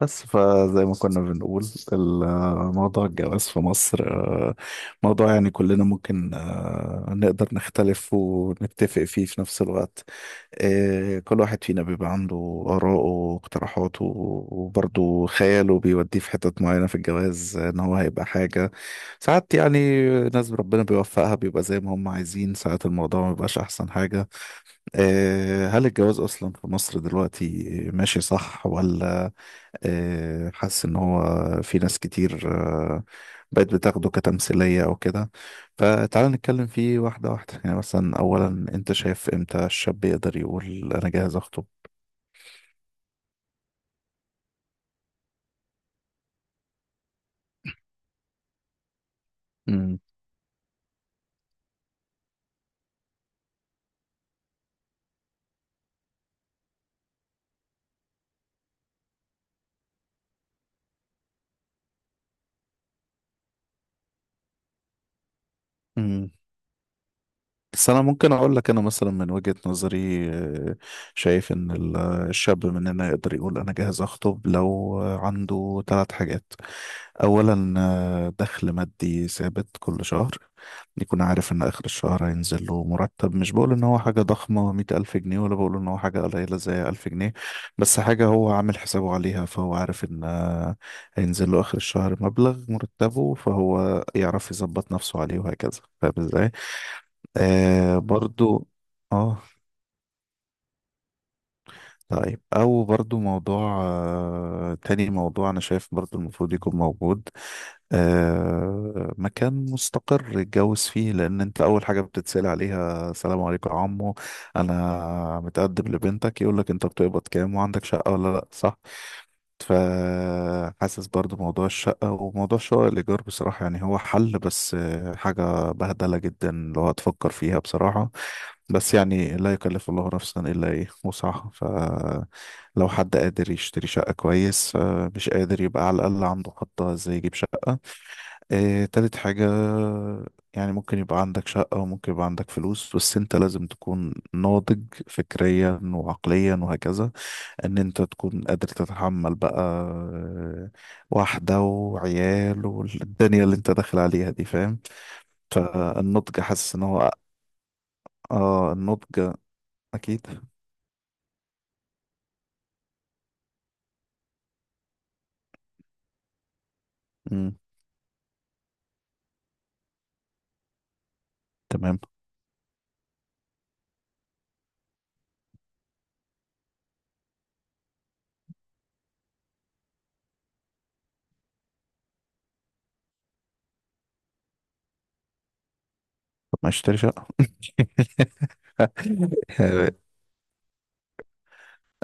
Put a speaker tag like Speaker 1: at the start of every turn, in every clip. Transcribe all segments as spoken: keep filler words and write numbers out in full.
Speaker 1: بس فزي ما كنا بنقول الموضوع الجواز في مصر، آه، موضوع يعني كلنا ممكن آه، نقدر نختلف ونتفق فيه في نفس الوقت. آه، كل واحد فينا بيبقى عنده آراءه واقتراحاته، وبرضه خياله بيوديه في حتت معينة في الجواز، آه، إن هو هيبقى حاجة. ساعات يعني ناس ربنا بيوفقها بيبقى زي ما هم عايزين، ساعات الموضوع ما بيبقاش أحسن حاجة. آه، هل الجواز أصلا في مصر دلوقتي ماشي صح ولا؟ آه، حاسس ان هو في ناس كتير آه، بقت بتاخده كتمثيلية او كده. فتعال نتكلم فيه واحدة واحدة، يعني مثلا اولا انت شايف امتى الشاب يقدر يقول انا جاهز اخطب؟ مم. مم. بس انا ممكن اقول لك انا مثلا من وجهة نظري، آه، شايف ان ال- الشاب مننا يقدر يقول انا جاهز اخطب لو عنده ثلاث حاجات. اولا آه، دخل مادي ثابت كل شهر، يكون عارف ان اخر الشهر هينزل له مرتب. مش بقول ان هو حاجة ضخمة مئة الف جنيه، ولا بقول ان هو حاجة قليلة زي الف جنيه، بس حاجة هو عامل حسابه عليها، فهو عارف ان آه، هينزل له اخر الشهر مبلغ مرتبه، فهو يعرف يظبط نفسه عليه وهكذا. فاهم ازاي؟ آه برضو. اه. طيب، او برضو موضوع، آه تاني موضوع انا شايف برضو المفروض يكون موجود، آه مكان مستقر يتجوز فيه. لان انت اول حاجة بتتسأل عليها: السلام عليكم يا عمو، انا متقدم لبنتك. يقول لك انت بتقبض كام وعندك شقة ولا لا. صح؟ فحاسس برضو موضوع الشقة وموضوع شقة الإيجار بصراحة يعني هو حل، بس آه، حاجة بهدلة جدا لو هتفكر فيها بصراحة. بس يعني لا يكلف الله نفسا إلا إيه وسعها، فلو حد قادر يشتري شقة كويس، آه، مش قادر يبقى على الأقل عنده خطة إزاي يجيب شقة. آه، تالت حاجة، يعني ممكن يبقى عندك شقة وممكن يبقى عندك فلوس، بس أنت لازم تكون ناضج فكريا وعقليا وهكذا، إن أنت تكون قادر تتحمل بقى آه، واحدة وعيال والدنيا اللي أنت داخل عليها دي. فاهم؟ فالنضج، حاسس إن هو آه النضج أكيد. تمام. طب ما يشتري شقة؟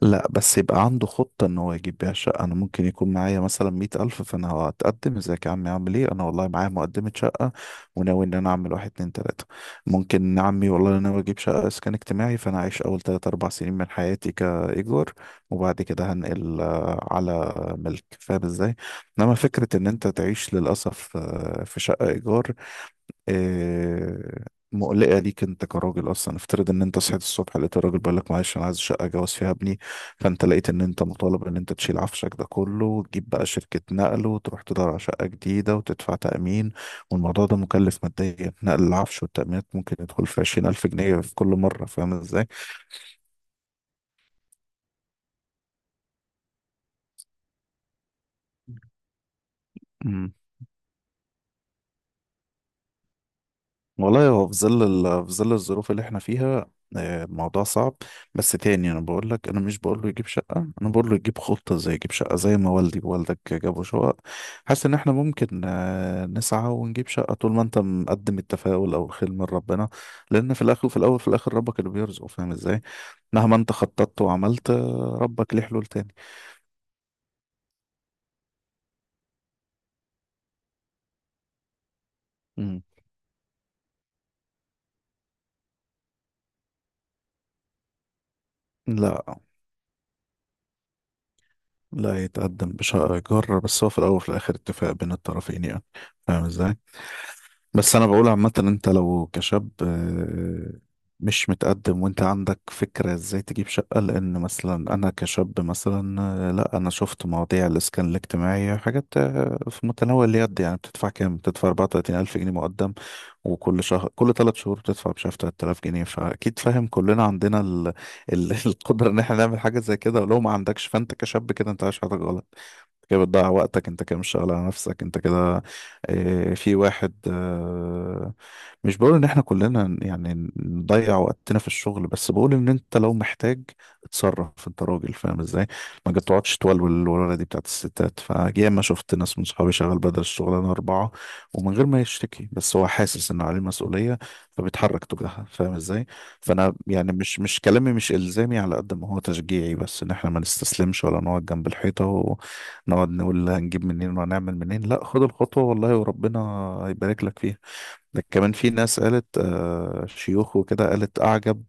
Speaker 1: لا، بس يبقى عنده خطة ان هو يجيب بيها شقة. انا ممكن يكون معايا مثلا مية الف، فانا هتقدم. ازيك يا عمي عامل ايه؟ انا والله معايا مقدمة شقة، وناوي ان انا اعمل واحد اتنين تلاتة. ممكن عمي والله انا ناوي اجيب شقة اسكان اجتماعي، فانا عايش اول تلات اربع سنين من حياتي كايجار، وبعد كده هنقل آه، على ملك. فاهم ازاي؟ انما فكرة ان انت تعيش للأسف آه، في شقة ايجار آه، مقلقة ليك انت كراجل. اصلا افترض ان انت صحيت الصبح لقيت الراجل بيقول لك معلش انا عايز شقة جواز فيها ابني، فانت لقيت ان انت مطالب ان انت تشيل عفشك ده كله وتجيب بقى شركة نقل وتروح تدور على شقة جديدة وتدفع تأمين. والموضوع ده مكلف ماديا، نقل العفش والتأمينات ممكن يدخل في عشرين ألف جنيه في كل مرة. فاهم ازاي؟ والله هو في ظل ال- في ظل الظروف اللي احنا فيها، آه، الموضوع صعب. بس تاني انا بقول لك، انا مش بقول له يجيب شقة، انا بقول له يجيب خطة، زي يجيب شقة زي ما والدي ووالدك جابوا شقق. حاسس ان احنا ممكن آه، نسعى ونجيب شقة طول ما انت مقدم التفاؤل او الخير من ربنا. لان في الاخر وفي الاول في الاخر ربك اللي بيرزق. فاهم ازاي؟ مهما انت خططت وعملت، آه، ربك ليه حلول تاني. مم. لا، لا يتقدم بشقة إيجار، بس هو في الأول وفي الآخر اتفاق بين الطرفين يعني. فاهم ازاي؟ بس انا بقول عامة، انت لو كشاب آه، مش متقدم وانت عندك فكرة ازاي تجيب شقة، لان مثلا انا كشاب مثلا، آه، لا انا شفت مواضيع الاسكان الاجتماعي، حاجات آه، في متناول اليد. يعني بتدفع كام؟ بتدفع أربعة وتلاتين ألف جنيه مقدم، وكل شهر كل ثلاث شهور بتدفع مش عارف ثلاثة آلاف جنيه. فاكيد فاهم كلنا عندنا ال... ال... القدره ان احنا نعمل حاجه زي كده. ولو ما عندكش فانت كشاب كده انت عايش حياتك غلط، انت كده بتضيع وقتك، انت كده مش شغال على نفسك، انت كده آه، في واحد. آه، مش بقول ان احنا كلنا يعني نضيع وقتنا في الشغل، بس بقول ان انت لو محتاج اتصرف. انت راجل فاهم ازاي. ما تقعدش تولول، الولوله دي بتاعت الستات. فجاي ما شفت ناس من صحابي شغال بدل الشغلانه اربعه ومن غير ما يشتكي، بس هو حاسس انه عليه مسؤولية فبيتحرك تجاهها. فاهم ازاي؟ فانا يعني مش مش كلامي مش الزامي على قد ما هو تشجيعي، بس ان احنا ما نستسلمش ولا نقعد جنب الحيطة ونقعد نقول هنجيب منين وهنعمل منين. لا، خد الخطوة والله وربنا هيبارك لك فيها. ده كمان في ناس قالت آه شيوخ وكده، قالت: اعجب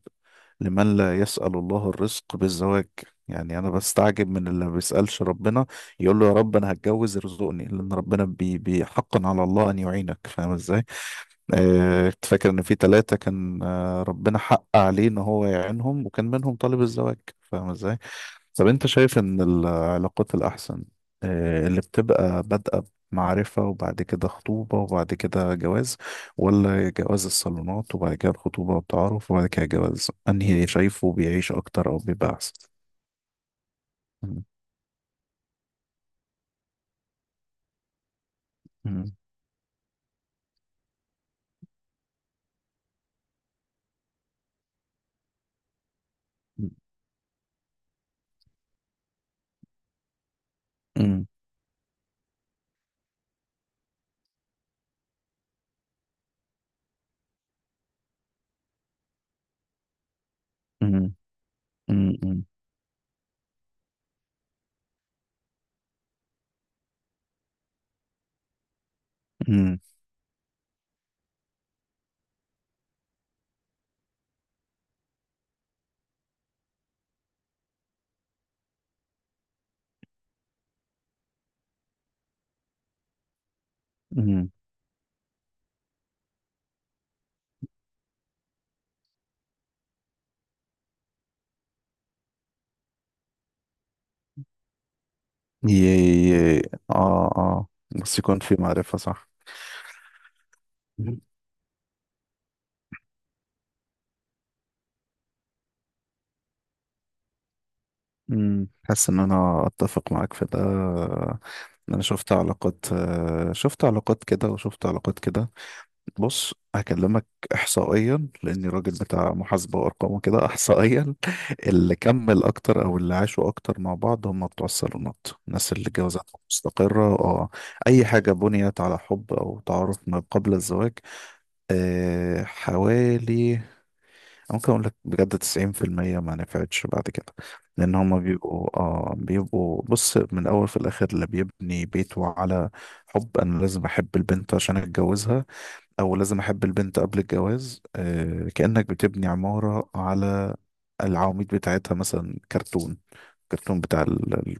Speaker 1: لمن لا يسأل الله الرزق بالزواج. يعني أنا بستعجب من اللي ما بيسألش ربنا يقول له يا رب أنا هتجوز ارزقني. لأن ربنا بي بي- حقا على الله أن يعينك. فاهم إزاي؟ آه، كنت فاكر إن في ثلاثة كان آه، ربنا حق عليه إن هو يعينهم، وكان منهم طالب الزواج. فاهم إزاي؟ طب انت شايف ان العلاقات الاحسن، آه، اللي بتبقى بادئة معرفة وبعد كده خطوبة وبعد كده جواز، ولا جواز الصالونات وبعد كده الخطوبة والتعارف وبعد كده جواز؟ انهي شايفه بيعيش اكتر او بيبقى احسن؟ مم. مم. مم. مم. مم. مم. مم. يي- اه، اه، بس يكون في معرفة صح؟ امم حاسس ان انا اتفق معاك في ده. انا شفت علاقات، آه، شفت علاقات كده وشفت علاقات كده. بص هكلمك احصائيا، لاني راجل بتاع محاسبه وارقام وكده. احصائيا اللي كمل اكتر او اللي عاشوا اكتر مع بعض هم بتوع الصالونات، الناس اللي جوازاتهم مستقره. اه، اي حاجه بنيت على حب او تعارف ما قبل الزواج، أه حوالي ممكن اقول لك بجد تسعين في المية ما نفعتش بعد كده. لان هما بيبقوا، آه بيبقوا بص، من الاول في الاخر اللي بيبني بيته على حب، انا لازم احب البنت عشان اتجوزها او لازم احب البنت قبل الجواز، آه كأنك بتبني عمارة على العواميد بتاعتها مثلا كرتون، كرتون بتاع ال...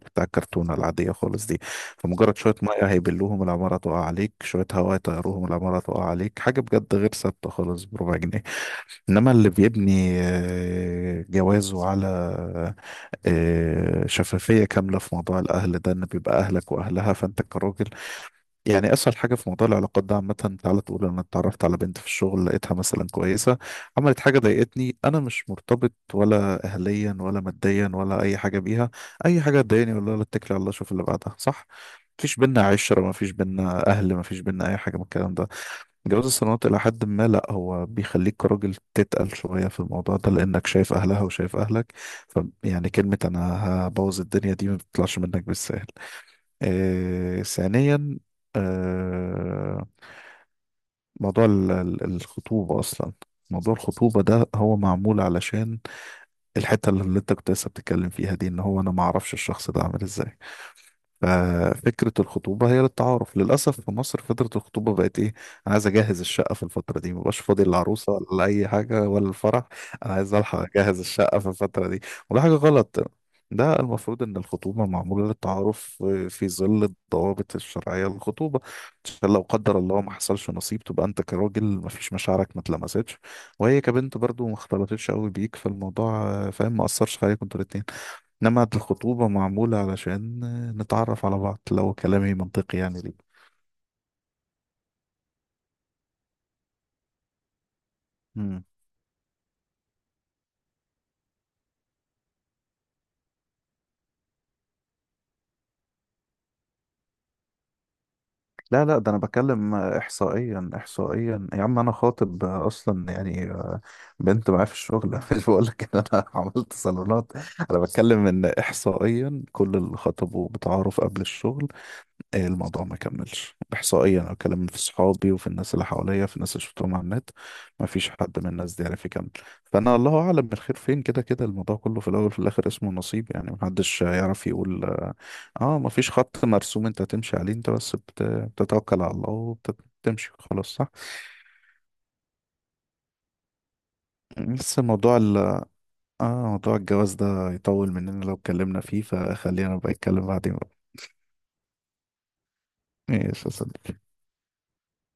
Speaker 1: بتاع الكرتونة العادية خالص دي. فمجرد شوية مية هيبلوهم العمارة تقع عليك، شوية هواء يطيروهم العمارة تقع عليك. حاجة بجد غير ثابتة خالص، بربع جنيه. انما اللي بيبني آه، جوازه على آه، شفافيه كامله في موضوع الاهل ده، ان بيبقى اهلك واهلها. فانت كراجل، يعني اسهل حاجه في موضوع العلاقات ده عامه، تعالى تقول انا اتعرفت على بنت في الشغل لقيتها مثلا كويسه، عملت حاجه ضايقتني. انا مش مرتبط ولا اهليا ولا ماديا ولا اي حاجه بيها، اي حاجه تضايقني، ولا اتكل على الله اشوف اللي بعدها. صح؟ مفيش بينا عشرة، مفيش بينا أهل، مفيش بينا أي حاجة من الكلام ده. جواز الصالونات إلى حد ما لأ، هو بيخليك كراجل تتقل شوية في الموضوع ده، لأنك شايف أهلها وشايف أهلك. ف يعني كلمة أنا هبوظ الدنيا دي ما بتطلعش منك بالسهل. آه ثانيا، آه موضوع ال- ال- الخطوبة أصلا. موضوع الخطوبة ده هو معمول علشان الحتة اللي انت كنت لسه بتتكلم فيها دي، ان هو انا ما اعرفش الشخص ده عامل ازاي. ففكرة الخطوبة هي للتعارف. للأسف في مصر فترة الخطوبة بقت إيه؟ أنا عايز أجهز الشقة في الفترة دي، مبقاش فاضي للعروسة ولا أي حاجة ولا الفرح. أنا عايز ألحق أجهز الشقة في الفترة دي. وده حاجة غلط. ده المفروض إن الخطوبة معمولة للتعارف في ظل الضوابط الشرعية للخطوبة، عشان لو قدر الله ما حصلش نصيب تبقى أنت كراجل ما فيش مشاعرك ما اتلمستش، وهي كبنت برضو ما اختلطتش قوي بيك فالموضوع، فاهم، ما أثرش عليكم انتوا الاتنين. إنما الخطوبة معمولة علشان نتعرف على بعض. لو كلامي منطقي يعني ليه؟ مم. لا لا، ده أنا بتكلم إحصائيا، إحصائيا يا عم أنا خاطب أصلا يعني، بنت معايا في الشغل. مش بقول لك إن أنا عملت صالونات. أنا بتكلم إن إحصائيا كل اللي خطبوا بتعارف قبل الشغل إيه؟ الموضوع ما كملش. احصائيا انا بكلم في صحابي وفي الناس اللي حواليا، في الناس اللي شفتهم على النت، ما فيش حد من الناس دي عرف يكمل. فانا الله اعلم بالخير فين. كده كده الموضوع كله في الاول وفي الاخر اسمه نصيب يعني، محدش يعرف يقول. اه، آه، ما فيش خط مرسوم انت تمشي عليه، انت بس بت- بتتوكل على الله وبتمشي خلاص. صح. بس موضوع ال اه موضوع الجواز ده يطول مننا لو اتكلمنا فيه، فخلينا بقى نتكلم بعدين بقى. ماشي يا صديقي.